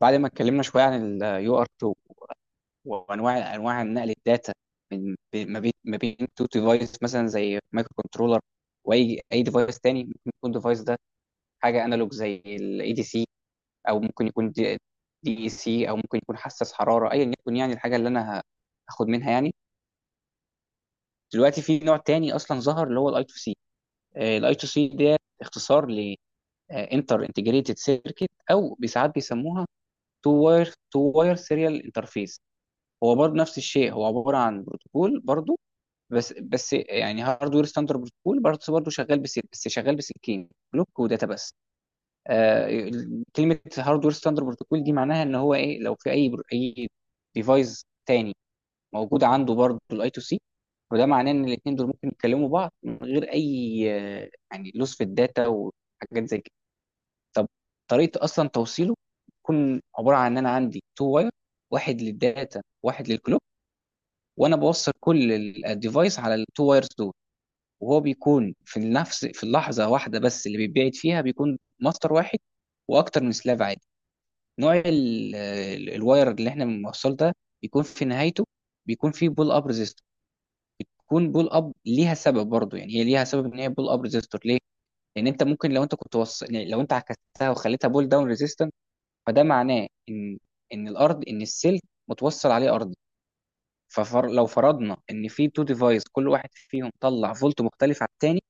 بعد ما اتكلمنا شويه عن اليو ار 2 وانواع نقل الداتا من ما بين تو ديفايس، مثلا زي مايكرو كنترولر واي اي ديفايس تاني. ممكن يكون ديفايس ده حاجه انالوج زي الاي دي سي، او ممكن يكون دي اي سي، او ممكن يكون حساس حراره، ايا يكن يعني الحاجه اللي انا هاخد منها يعني. دلوقتي في نوع تاني اصلا ظهر، اللي هو الاي تو سي. الاي تو سي ده اختصار ل انتر انتجريتد سيركت، او ساعات بيسموها تو واير سيريال انترفيس. هو برضه نفس الشيء، هو عباره عن بروتوكول برضه. بس يعني هاردوير ستاندرد بروتوكول، برضه شغال بس. شغال بسلكين، بلوك وداتا بس. آه. كلمه هاردوير ستاندرد بروتوكول دي معناها ان هو ايه؟ لو في اي اي ديفايس تاني موجود عنده برضه الاي تو سي، وده معناه ان الاثنين دول ممكن يتكلموا بعض من غير اي، آه، يعني لوس في الداتا وحاجات زي كده. طب، طريقه اصلا توصيله تكون عباره عن ان انا عندي تو واير، واحد للداتا واحد للكلوك. وانا بوصل كل الديفايس على التو وايرز دول. وهو بيكون في نفس، في اللحظه واحده بس اللي بيتبعت فيها بيكون ماستر واحد واكتر من سلاف عادي. نوع الواير اللي احنا بنوصله ده بيكون في نهايته، بيكون فيه بول اب ريزيستور. بتكون بول اب ليها سبب برضه، يعني هي ليها سبب ان هي بول اب ريزيستور ليه. لان انت ممكن، لو انت كنت وصل يعني، لو انت عكستها وخليتها بول داون ريزيستنت، فده معناه ان الارض، ان السلك متوصل عليه ارض. فلو فرضنا ان في تو ديفايس كل واحد فيهم طلع فولت مختلف عن التاني،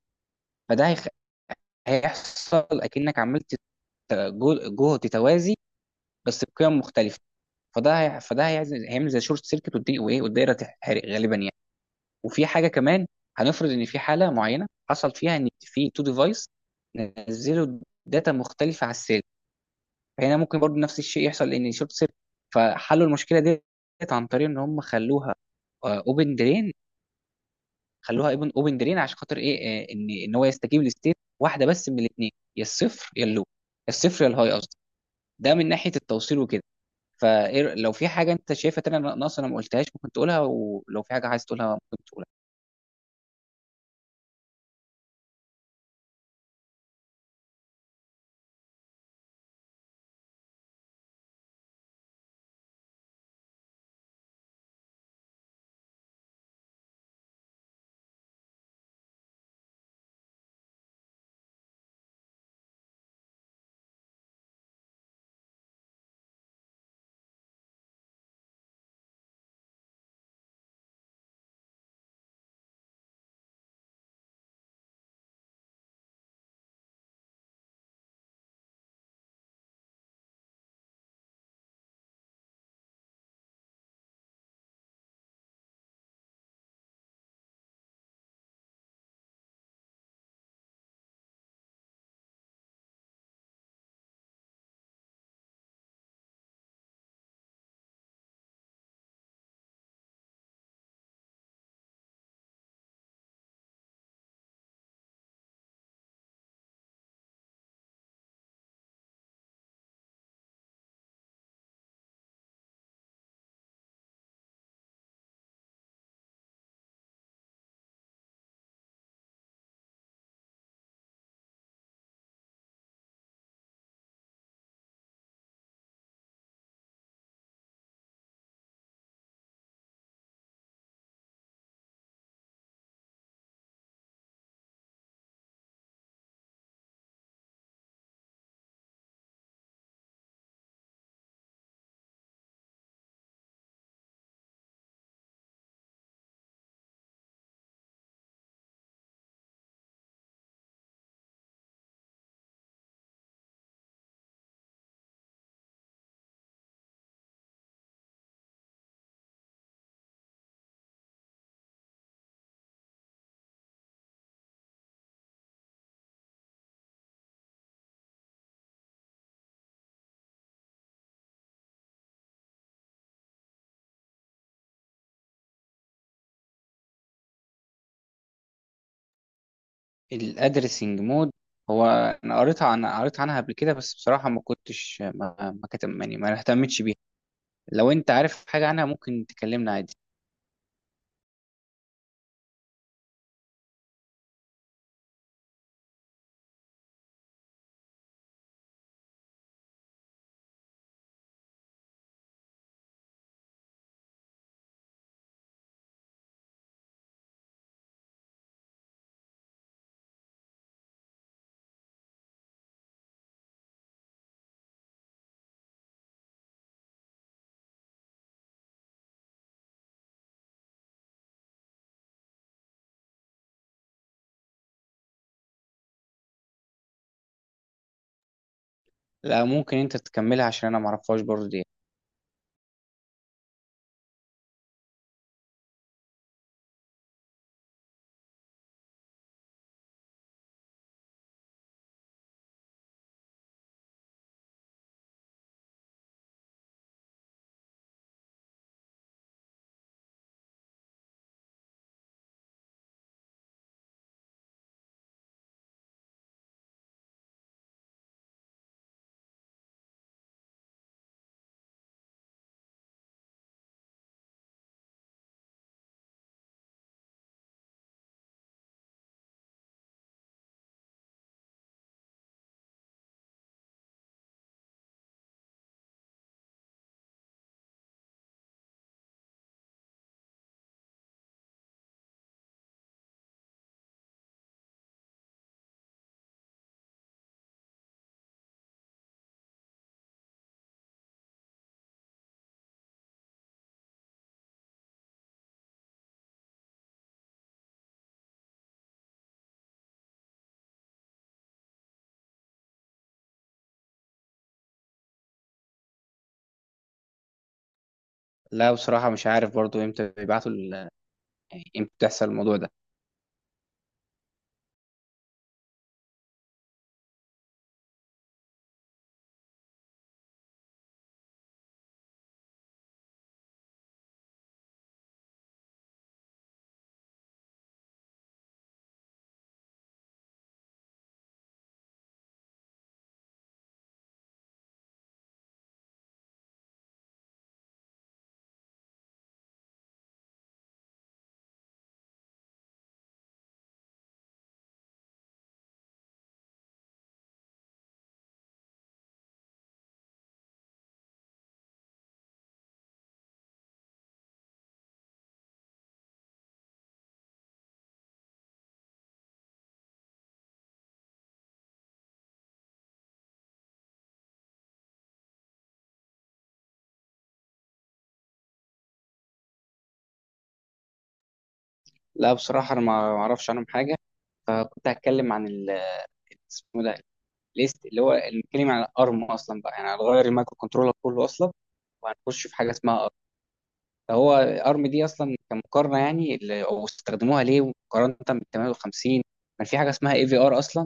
فده هيخ- هيحصل اكنك عملت جهد توازي بس بقيم مختلفه. فده هي... فده هيعزل- هيعمل زي شورت سيركت، والدي... وايه والدايره تتحرق غالبا يعني. وفي حاجه كمان، هنفرض ان في حاله معينه حصل فيها ان في تو ديفايس نزلوا داتا مختلفه على السيل. فهنا ممكن برضه نفس الشيء يحصل، ان شورت سيركت. فحلوا المشكله ديت عن طريق ان هم خلوها اوبن درين. خلوها اوبن جرين عشان خاطر ايه؟ آه، ان هو يستجيب لستيت واحده بس من الاثنين، يا الصفر يا اللو، يا الصفر يا الهاي قصدي. ده من ناحيه التوصيل وكده. فلو في حاجه انت شايفها تانية ناقصه انا ما قلتهاش ممكن تقولها، ولو في حاجه عايز تقولها ممكن تقولها. الادرسنج مود. هو انا قريت عنها قبل كده، بس بصراحه ما كتب يعني ما اهتمتش بيها. لو انت عارف حاجه عنها ممكن تكلمنا عادي. لا، ممكن انت تكملها عشان انا ما اعرفهاش برضه دي. لا، بصراحه مش عارف برضه، امتى بيبعتوا يعني امتى بتحصل الموضوع ده. لا، بصراحة أنا ما أعرفش عنهم حاجة. فكنت هتكلم عن ال اسمه ده، ليست، اللي هو نتكلم عن الأرم أصلا بقى. يعني هنغير المايكرو كنترولر كله أصلا، وهنخش في حاجة اسمها أرم. فهو أرم دي أصلا كمقارنة، يعني أو استخدموها ليه مقارنة بال 58. كان في حاجة اسمها اي في ار أصلا.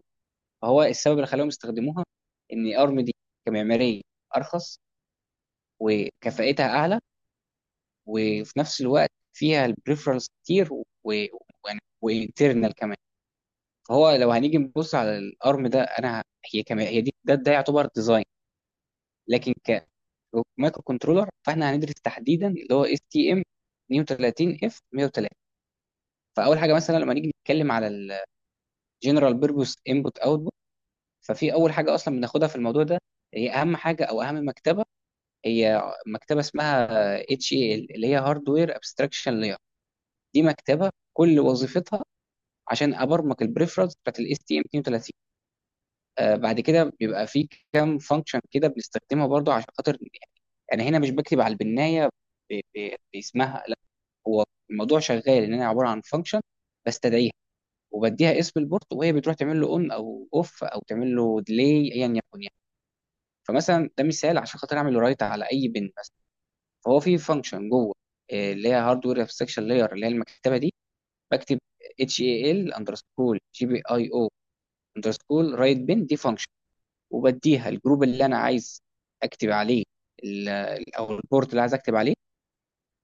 فهو السبب اللي خلاهم يستخدموها إن أرم دي كمعمارية أرخص وكفاءتها أعلى، وفي نفس الوقت فيها البريفرالز كتير و وانترنال كمان. فهو لو هنيجي نبص على الارم ده، انا هي كما هي دي، ده يعتبر ديزاين. لكن ك مايكرو كنترولر، فاحنا هندرس تحديدا اللي هو اس تي ام 32 اف 103. فاول حاجه مثلا لما نيجي نتكلم على الجنرال بيربوس انبوت اوتبوت، ففي اول حاجه اصلا بناخدها في الموضوع ده، هي اهم حاجه او اهم مكتبه، هي مكتبه اسمها اتش اي ال، اللي هي هاردوير ابستراكشن لاير. دي مكتبه كل وظيفتها عشان ابرمج البريفرنس بتاعت الاس تي ام 32. آه، بعد كده بيبقى في كام فانكشن كده بنستخدمها برضو عشان خاطر يعني، انا هنا مش بكتب على البنايه باسمها، لا. هو الموضوع شغال ان انا عباره عن فانكشن بستدعيها وبديها اسم البورت، وهي بتروح تعمل له اون او اوف، او تعمل له ديلي، ايا يكن يعني. فمثلا ده مثال عشان خاطر اعمل رايت على اي بن مثلا. فهو في فانكشن جوه، آه، اللي هي هاردوير ابستراكشن لاير، اللي هي المكتبه دي. بكتب اتش اي ال اندرسكول جي بي اي او اندرسكول رايت بن، دي فانكشن وبديها الجروب اللي انا عايز اكتب عليه، او البورت اللي عايز اكتب عليه،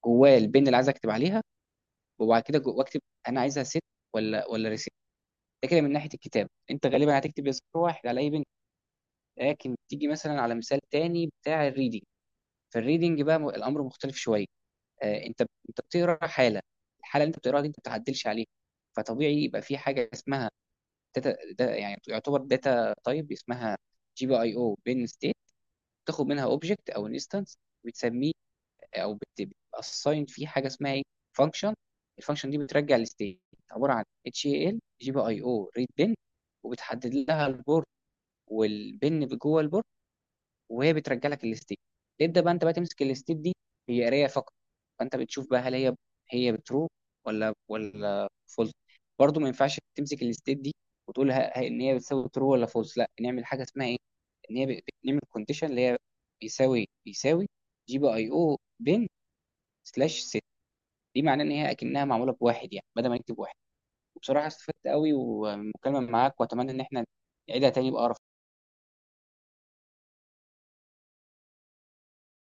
جواه البن اللي عايز اكتب عليها. وبعد كده جوه اكتب انا عايزها ست ولا ريسيت. ده كده من ناحيه الكتاب، انت غالبا هتكتب يا صفر واحد على اي بن. لكن تيجي مثلا على مثال تاني بتاع الريدنج. في الريدنج بقى الامر مختلف شويه. آه، انت بتقرا حاله. الحاله اللي انت بتقراها دي انت ما بتعدلش عليها. فطبيعي يبقى في حاجه اسمها داتا، ده يعني يعتبر داتا تايب اسمها جي بي اي او بن ستيت. تاخد منها اوبجكت او انستنس بتسميه، او بتاساين فيه حاجه اسمها ايه، فانكشن. الفانكشن دي بترجع الستيت، عباره عن اتش اي ال جي بي اي او ريد بن، وبتحدد لها البورت والبن جوه البورت، وهي بترجع لك الاستيك. تبدا بقى انت بقى تمسك الاستيك دي، هي قرايه فقط. فانت بتشوف بقى هل هي، بترو ولا فولس. برضو ما ينفعش تمسك الاستيك دي وتقول ان هي بتساوي ترو ولا فولس، لا نعمل حاجه اسمها ايه، ان هي بنعمل كونديشن اللي هي بيساوي جي بي اي او بين سلاش ست. دي معناه ان هي اكنها معموله بواحد، يعني بدل ما نكتب واحد. وبصراحه استفدت قوي والمكالمه معاك، واتمنى ان احنا نعيدها تاني بأقرب